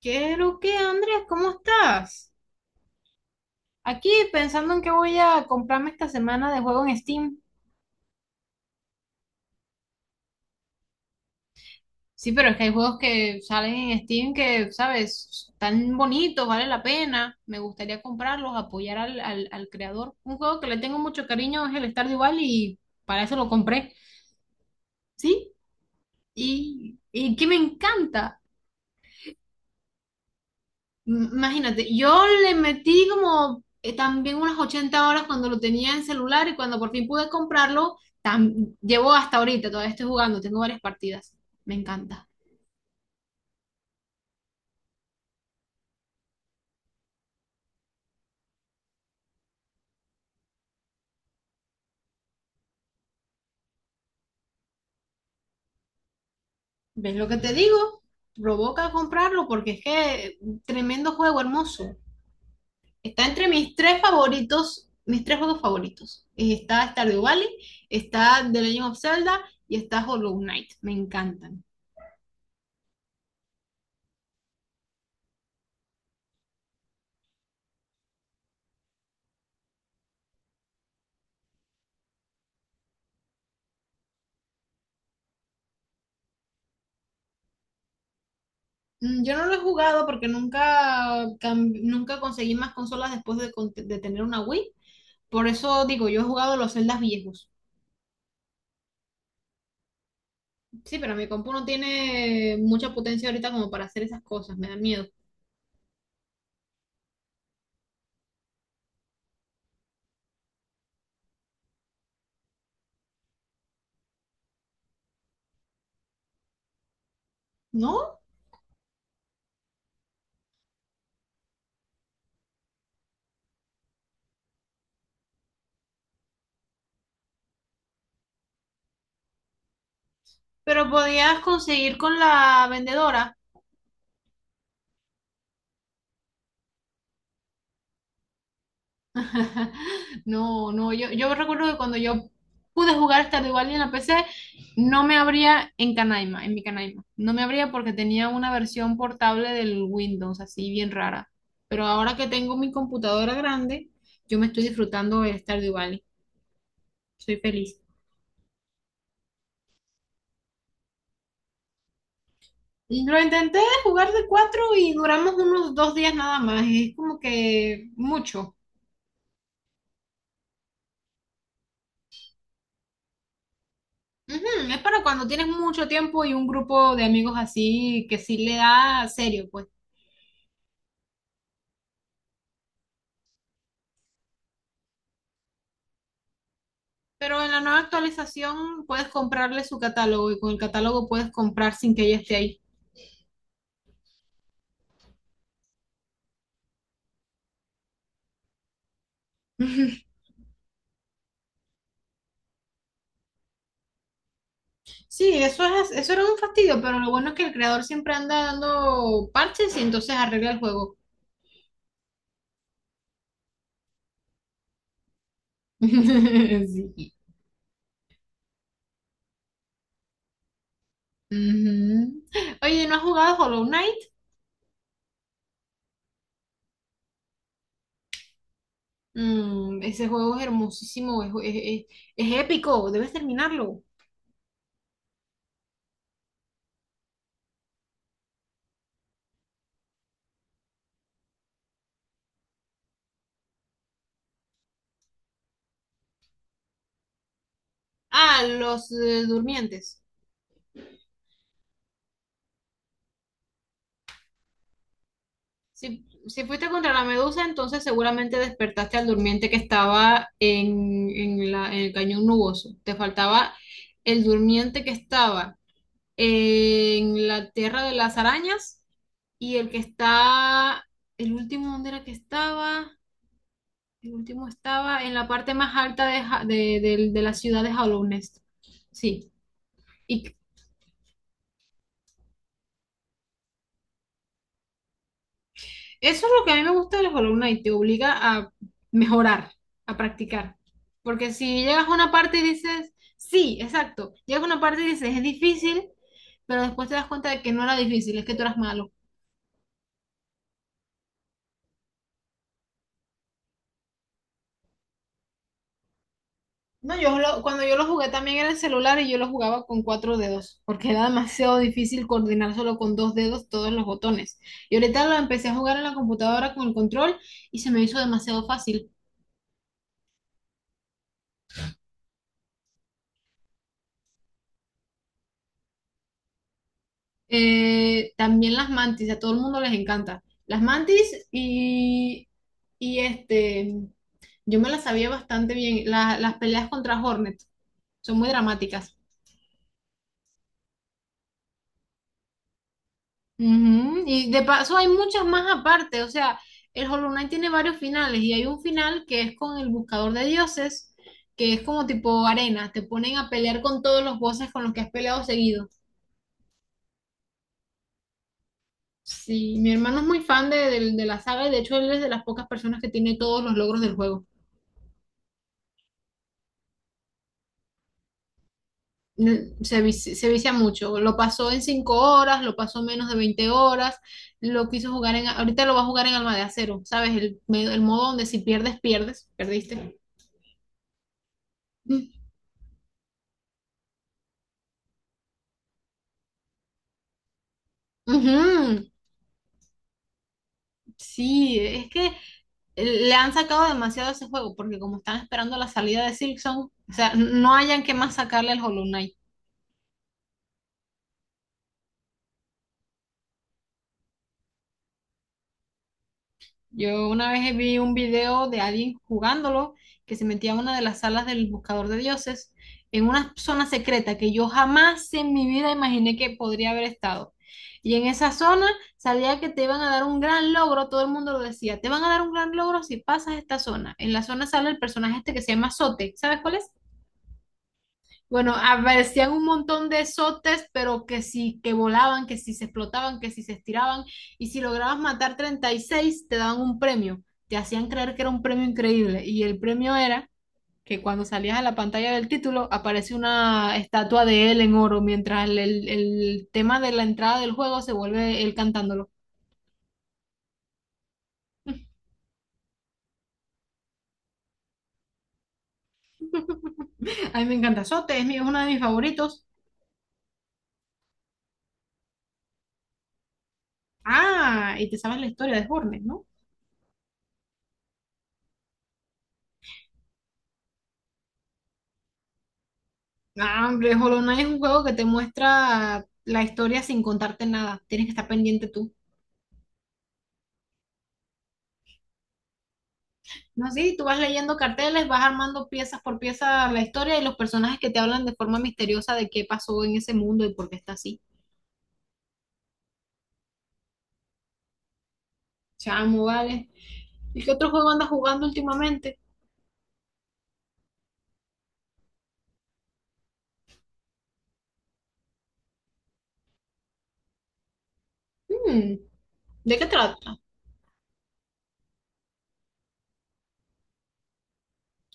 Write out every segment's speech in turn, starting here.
¿Qué es lo que, Andrés? ¿Cómo estás? Aquí pensando en qué voy a comprarme esta semana de juego en Steam. Sí, pero es que hay juegos que salen en Steam que, ¿sabes? Están bonitos, vale la pena. Me gustaría comprarlos, apoyar al creador. Un juego que le tengo mucho cariño es el Stardew Valley y para eso lo compré. Sí, y que me encanta. Imagínate, yo le metí como también unas 80 horas cuando lo tenía en celular y cuando por fin pude comprarlo, llevo hasta ahorita, todavía estoy jugando, tengo varias partidas, me encanta. ¿Ves lo que te digo? Provoca comprarlo porque es que tremendo juego, hermoso. Está entre mis tres favoritos, mis tres juegos favoritos. Está Stardew Valley, está The Legend of Zelda y está Hollow Knight, me encantan. Yo no lo he jugado porque nunca conseguí más consolas de tener una Wii. Por eso digo, yo he jugado los Zeldas viejos. Sí, pero mi compu no tiene mucha potencia ahorita como para hacer esas cosas, me da miedo. ¿No? Pero podías conseguir con la vendedora. No, no, yo recuerdo que cuando yo pude jugar Stardew Valley en la PC, no me abría en Canaima, en mi Canaima. No me abría porque tenía una versión portable del Windows, así bien rara. Pero ahora que tengo mi computadora grande, yo me estoy disfrutando del Stardew Valley. Soy feliz. Y lo intenté jugar de cuatro y duramos unos 2 días nada más. Es como que mucho. Ujú. Es para cuando tienes mucho tiempo y un grupo de amigos así que sí le da serio, pues. Pero en la nueva actualización puedes comprarle su catálogo y con el catálogo puedes comprar sin que ella esté ahí. Sí, eso es, eso era un fastidio, pero lo bueno es que el creador siempre anda dando parches y entonces arregla el juego. Sí. Ujú. Oye, ¿no has jugado Hollow Knight? Ese juego es hermosísimo, es épico, debes terminarlo. Ah, los durmientes. Si, si fuiste contra la medusa, entonces seguramente despertaste al durmiente que estaba en el cañón nuboso. Te faltaba el durmiente que estaba en la tierra de las arañas y el que está, el último, ¿dónde era que estaba? El último estaba en la parte más alta de la ciudad de Hollow Nest. Sí. Y eso es lo que a mí me gusta de las columnas y te obliga a mejorar, a practicar. Porque si llegas a una parte y dices, sí, exacto, llegas a una parte y dices, es difícil, pero después te das cuenta de que no era difícil, es que tú eras malo. No, cuando yo lo jugué también era el celular y yo lo jugaba con cuatro dedos, porque era demasiado difícil coordinar solo con dos dedos todos los botones. Y ahorita lo empecé a jugar en la computadora con el control y se me hizo demasiado fácil. También las mantis, a todo el mundo les encanta. Las mantis y este, yo me las sabía bastante bien. Las peleas contra Hornet son muy dramáticas. Ujú. Y de paso hay muchas más aparte, o sea, el Hollow Knight tiene varios finales y hay un final que es con el Buscador de Dioses, que es como tipo arena, te ponen a pelear con todos los bosses con los que has peleado seguido. Sí, mi hermano es muy fan de la saga y de hecho él es de las pocas personas que tiene todos los logros del juego. Se vicia mucho. Lo pasó en 5 horas, lo pasó en menos de 20 horas, lo quiso jugar en... Ahorita lo va a jugar en Alma de Acero, ¿sabes? El modo donde si pierdes, pierdes, perdiste. Mm. Ujú. Sí, es que le han sacado demasiado a ese juego, porque como están esperando la salida de Silksong, o sea, no hayan que más sacarle al Hollow Knight. Yo una vez vi un video de alguien jugándolo que se metía a una de las salas del buscador de dioses en una zona secreta que yo jamás en mi vida imaginé que podría haber estado. Y en esa zona salía que te iban a dar un gran logro, todo el mundo lo decía, te van a dar un gran logro si pasas esta zona. En la zona sale el personaje este que se llama Zote. ¿Sabes cuál es? Bueno, aparecían un montón de sotes, pero que sí, que volaban, que si se explotaban, que si se estiraban, y si lograbas matar 36, te daban un premio. Te hacían creer que era un premio increíble, y el premio era que cuando salías a la pantalla del título aparece una estatua de él en oro, mientras el tema de la entrada del juego se vuelve él cantándolo. A mí me encanta Sote, es uno de mis favoritos. Ah, y te sabes la historia de Hornet, ¿no? Ah, hombre, Hollow Knight es un juego que te muestra la historia sin contarte nada. Tienes que estar pendiente tú. No, sí, tú vas leyendo carteles, vas armando piezas por pieza la historia y los personajes que te hablan de forma misteriosa de qué pasó en ese mundo y por qué está así. Chamo, vale. ¿Y qué otro juego andas jugando últimamente? Hmm, ¿De qué trata?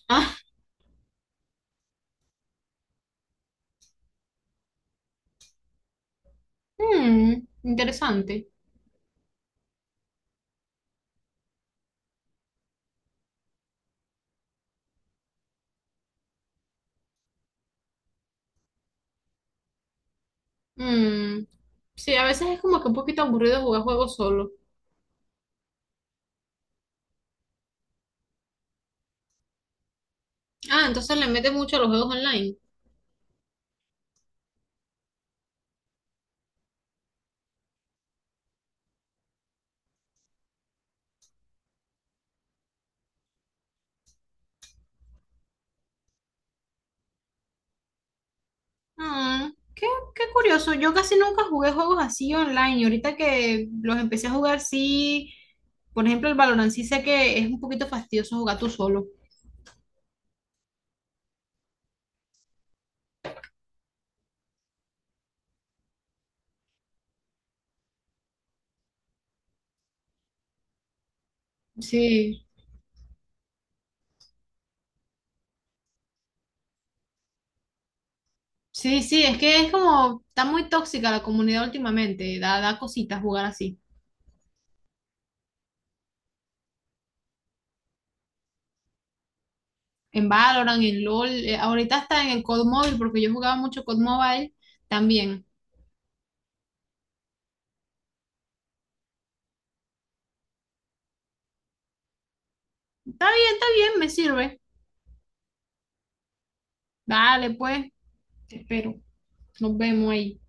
Ah, hmm, interesante. Hmm, sí, a veces es como que un poquito aburrido jugar juegos solo. Ah, entonces le metes mucho a los juegos online. Ah, qué curioso. Yo casi nunca jugué juegos así online y ahorita que los empecé a jugar, sí, por ejemplo, el Valorant sí sé que es un poquito fastidioso jugar tú solo. Sí, sí, sí, es que es como, está muy tóxica la comunidad últimamente, da cositas jugar así. En Valorant, en LOL, ahorita está en el COD Mobile, porque yo jugaba mucho COD Mobile también. Está bien, me sirve. Dale, pues, te espero. Nos vemos ahí.